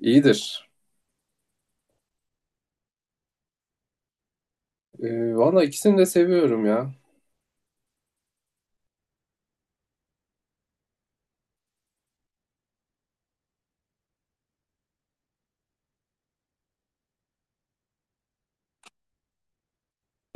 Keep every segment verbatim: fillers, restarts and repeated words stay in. İyidir. Ee, valla ikisini de seviyorum ya.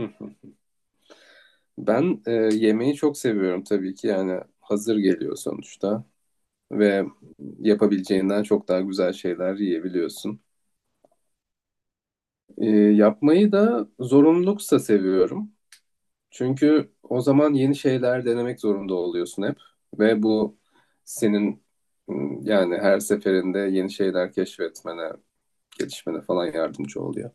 Hı. Ben e, yemeği çok seviyorum tabii ki, yani hazır geliyor sonuçta ve yapabileceğinden çok daha güzel şeyler yiyebiliyorsun. Ee, yapmayı da zorunluluksa seviyorum. Çünkü o zaman yeni şeyler denemek zorunda oluyorsun hep ve bu senin m, yani her seferinde yeni şeyler keşfetmene, gelişmene falan yardımcı oluyor.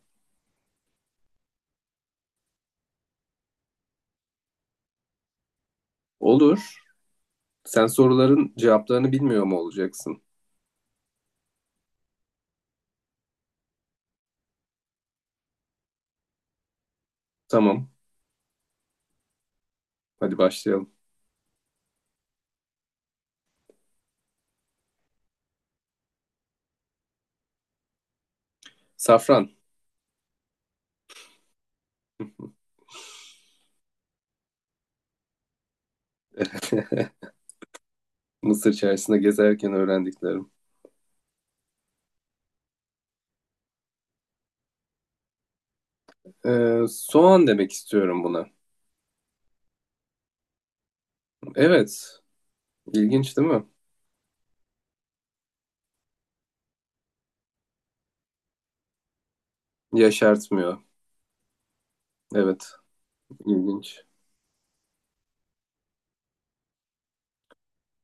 Olur. Sen soruların cevaplarını bilmiyor mu olacaksın? Tamam. Hadi başlayalım. Safran. Mısır çarşısında gezerken öğrendiklerim. Ee, soğan demek istiyorum buna. Evet. ilginç değil mi? Yaşartmıyor. Evet. ilginç.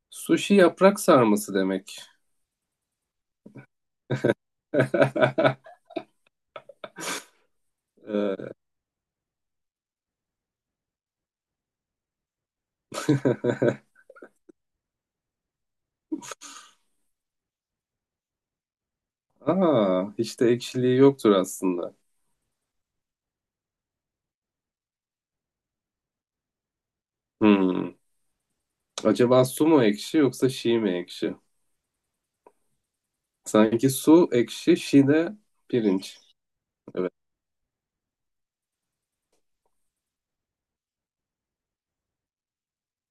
Sushi yaprak sarması demek. Ee, Aa, hiç de ekşiliği yoktur aslında. Hmm. Acaba su mu ekşi yoksa şi mi ekşi? Sanki su ekşi, şi de pirinç. Evet.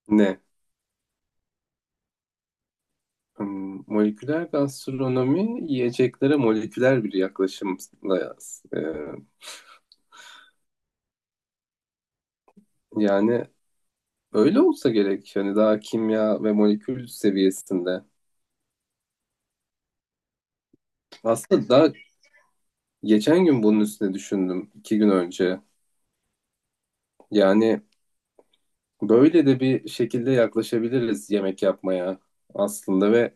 Ne? Hmm, Moleküler gastronomi yiyeceklere moleküler bir yaklaşımla, e, yani öyle olsa gerek, hani daha kimya ve molekül seviyesinde. Aslında daha geçen gün bunun üstüne düşündüm, iki gün önce. Yani böyle de bir şekilde yaklaşabiliriz yemek yapmaya aslında ve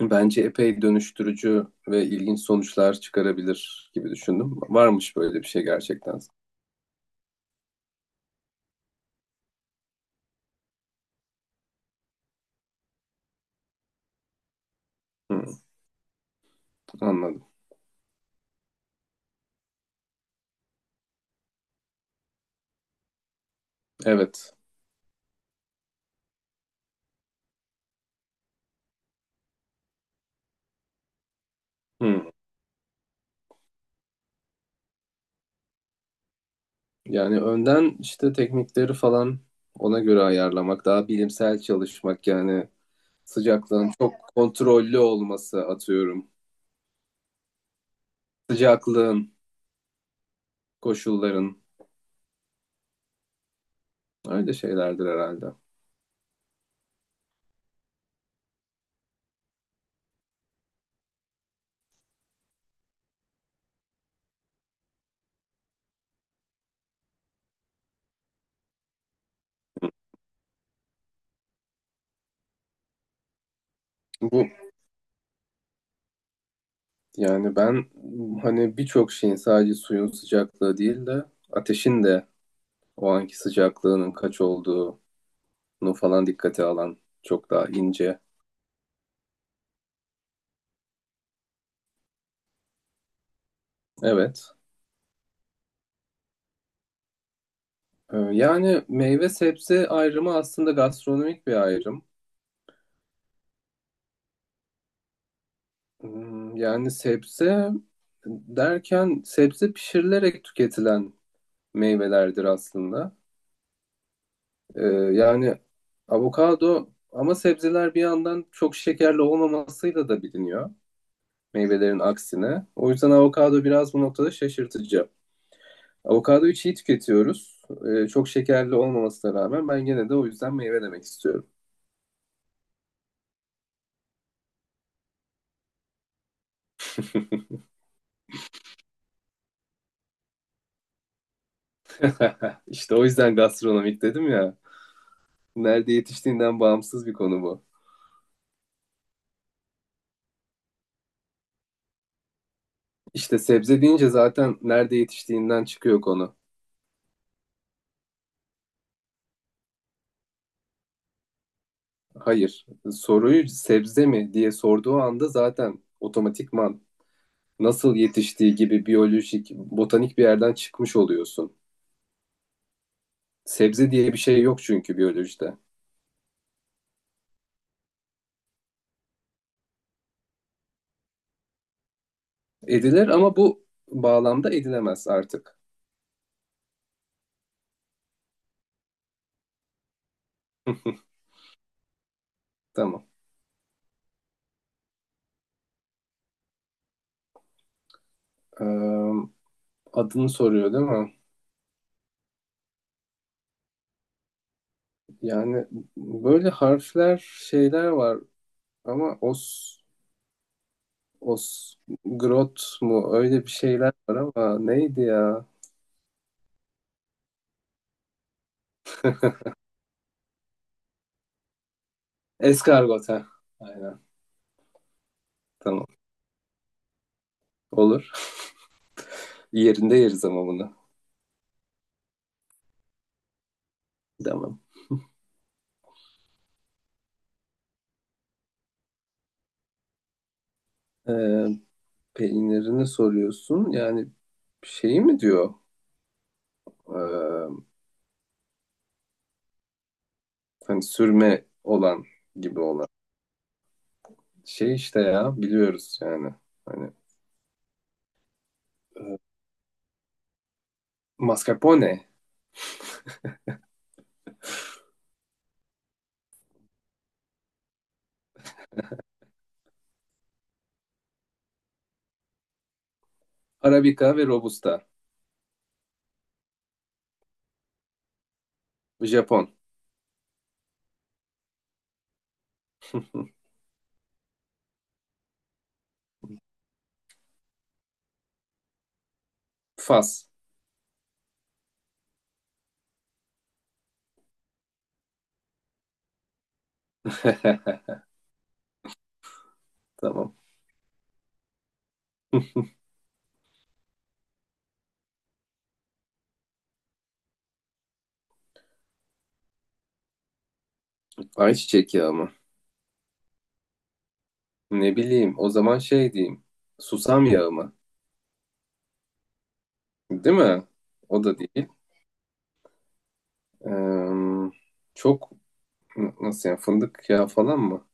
bence epey dönüştürücü ve ilginç sonuçlar çıkarabilir gibi düşündüm. Varmış böyle bir şey gerçekten. Hmm, anladım. Evet. Hmm. Yani önden işte teknikleri falan ona göre ayarlamak, daha bilimsel çalışmak, yani sıcaklığın çok kontrollü olması atıyorum. Sıcaklığın, koşulların, öyle şeylerdir herhalde. Bu, yani ben hani birçok şeyin sadece suyun sıcaklığı değil de ateşin de o anki sıcaklığının kaç olduğunu falan dikkate alan çok daha ince. Evet. Ee, Yani meyve sebze ayrımı aslında gastronomik bir ayrım. Hmm, Yani sebze derken sebze pişirilerek tüketilen meyvelerdir aslında. Ee, yani avokado, ama sebzeler bir yandan çok şekerli olmamasıyla da biliniyor meyvelerin aksine. O yüzden avokado biraz bu noktada şaşırtıcı. Avokadoyu çiğ tüketiyoruz. Ee, çok şekerli olmamasına rağmen ben gene de o yüzden meyve demek istiyorum. İşte o yüzden gastronomik dedim ya. Nerede yetiştiğinden bağımsız bir konu bu. İşte sebze deyince zaten nerede yetiştiğinden çıkıyor konu. Hayır. Soruyu sebze mi diye sorduğu anda zaten otomatikman nasıl yetiştiği gibi biyolojik, botanik bir yerden çıkmış oluyorsun. Sebze diye bir şey yok çünkü biyolojide. Edilir, ama bu bağlamda edilemez artık. Tamam. Ee, Adını soruyor değil mi? Yani böyle harfler, şeyler var ama os, os, grot mu, öyle bir şeyler var ama neydi ya? Eskargot, ha. Aynen. Tamam. Olur. Yerinde yeriz ama bunu. Tamam. Ee, Peynirini soruyorsun. Yani şeyi mi diyor? Ee, Hani sürme olan gibi olan. Şey işte, ya biliyoruz yani. Hani mascarpone, arabica ve robusta. Japon. Fas. Tamam. Ayçiçek yağı mı? Ne bileyim. O zaman şey diyeyim. Susam yağı mı? Değil mi? O da değil. Ee, Çok N- Nasıl yani, fındık yağı falan mı?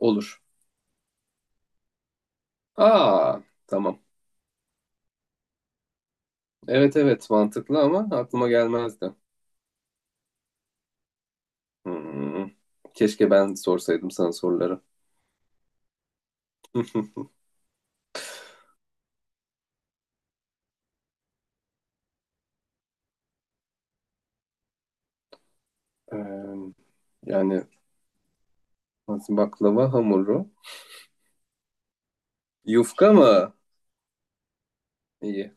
Olur. Aa, tamam. Evet, evet, mantıklı ama aklıma gelmezdi. Hmm. Keşke ben sorsaydım sana soruları. Ee, Yani nasıl, baklava hamuru. Yufka mı? İyi.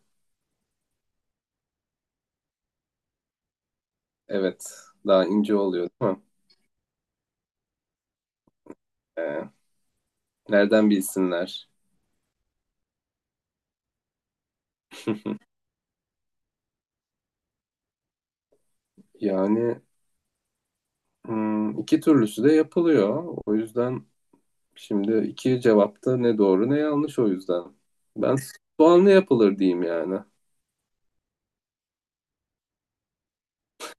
Evet. Daha ince oluyor değil mi? Ee, Nereden bilsinler? Yani hmm, iki türlüsü de yapılıyor. O yüzden şimdi iki cevapta ne doğru ne yanlış o yüzden. Ben soğanlı yapılır diyeyim yani.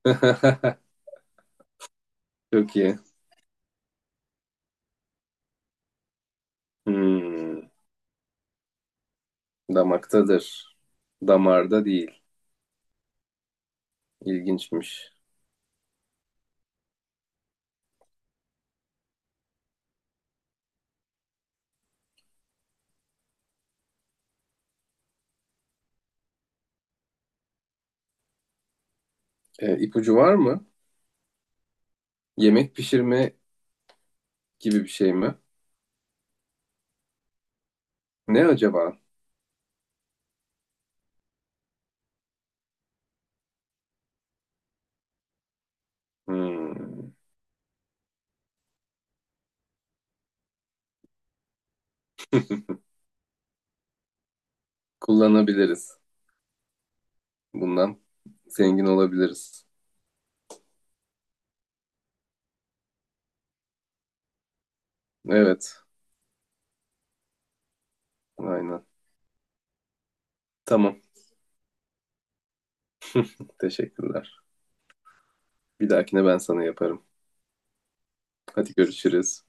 Çok iyi. Hmm, Damaktadır. Damarda değil. İlginçmiş. E, ipucu var mı? Yemek pişirme gibi bir şey mi? Ne acaba? Hmm, Kullanabiliriz. Bundan zengin olabiliriz. Evet, aynen. Tamam, teşekkürler. Bir dahakine ben sana yaparım. Hadi görüşürüz.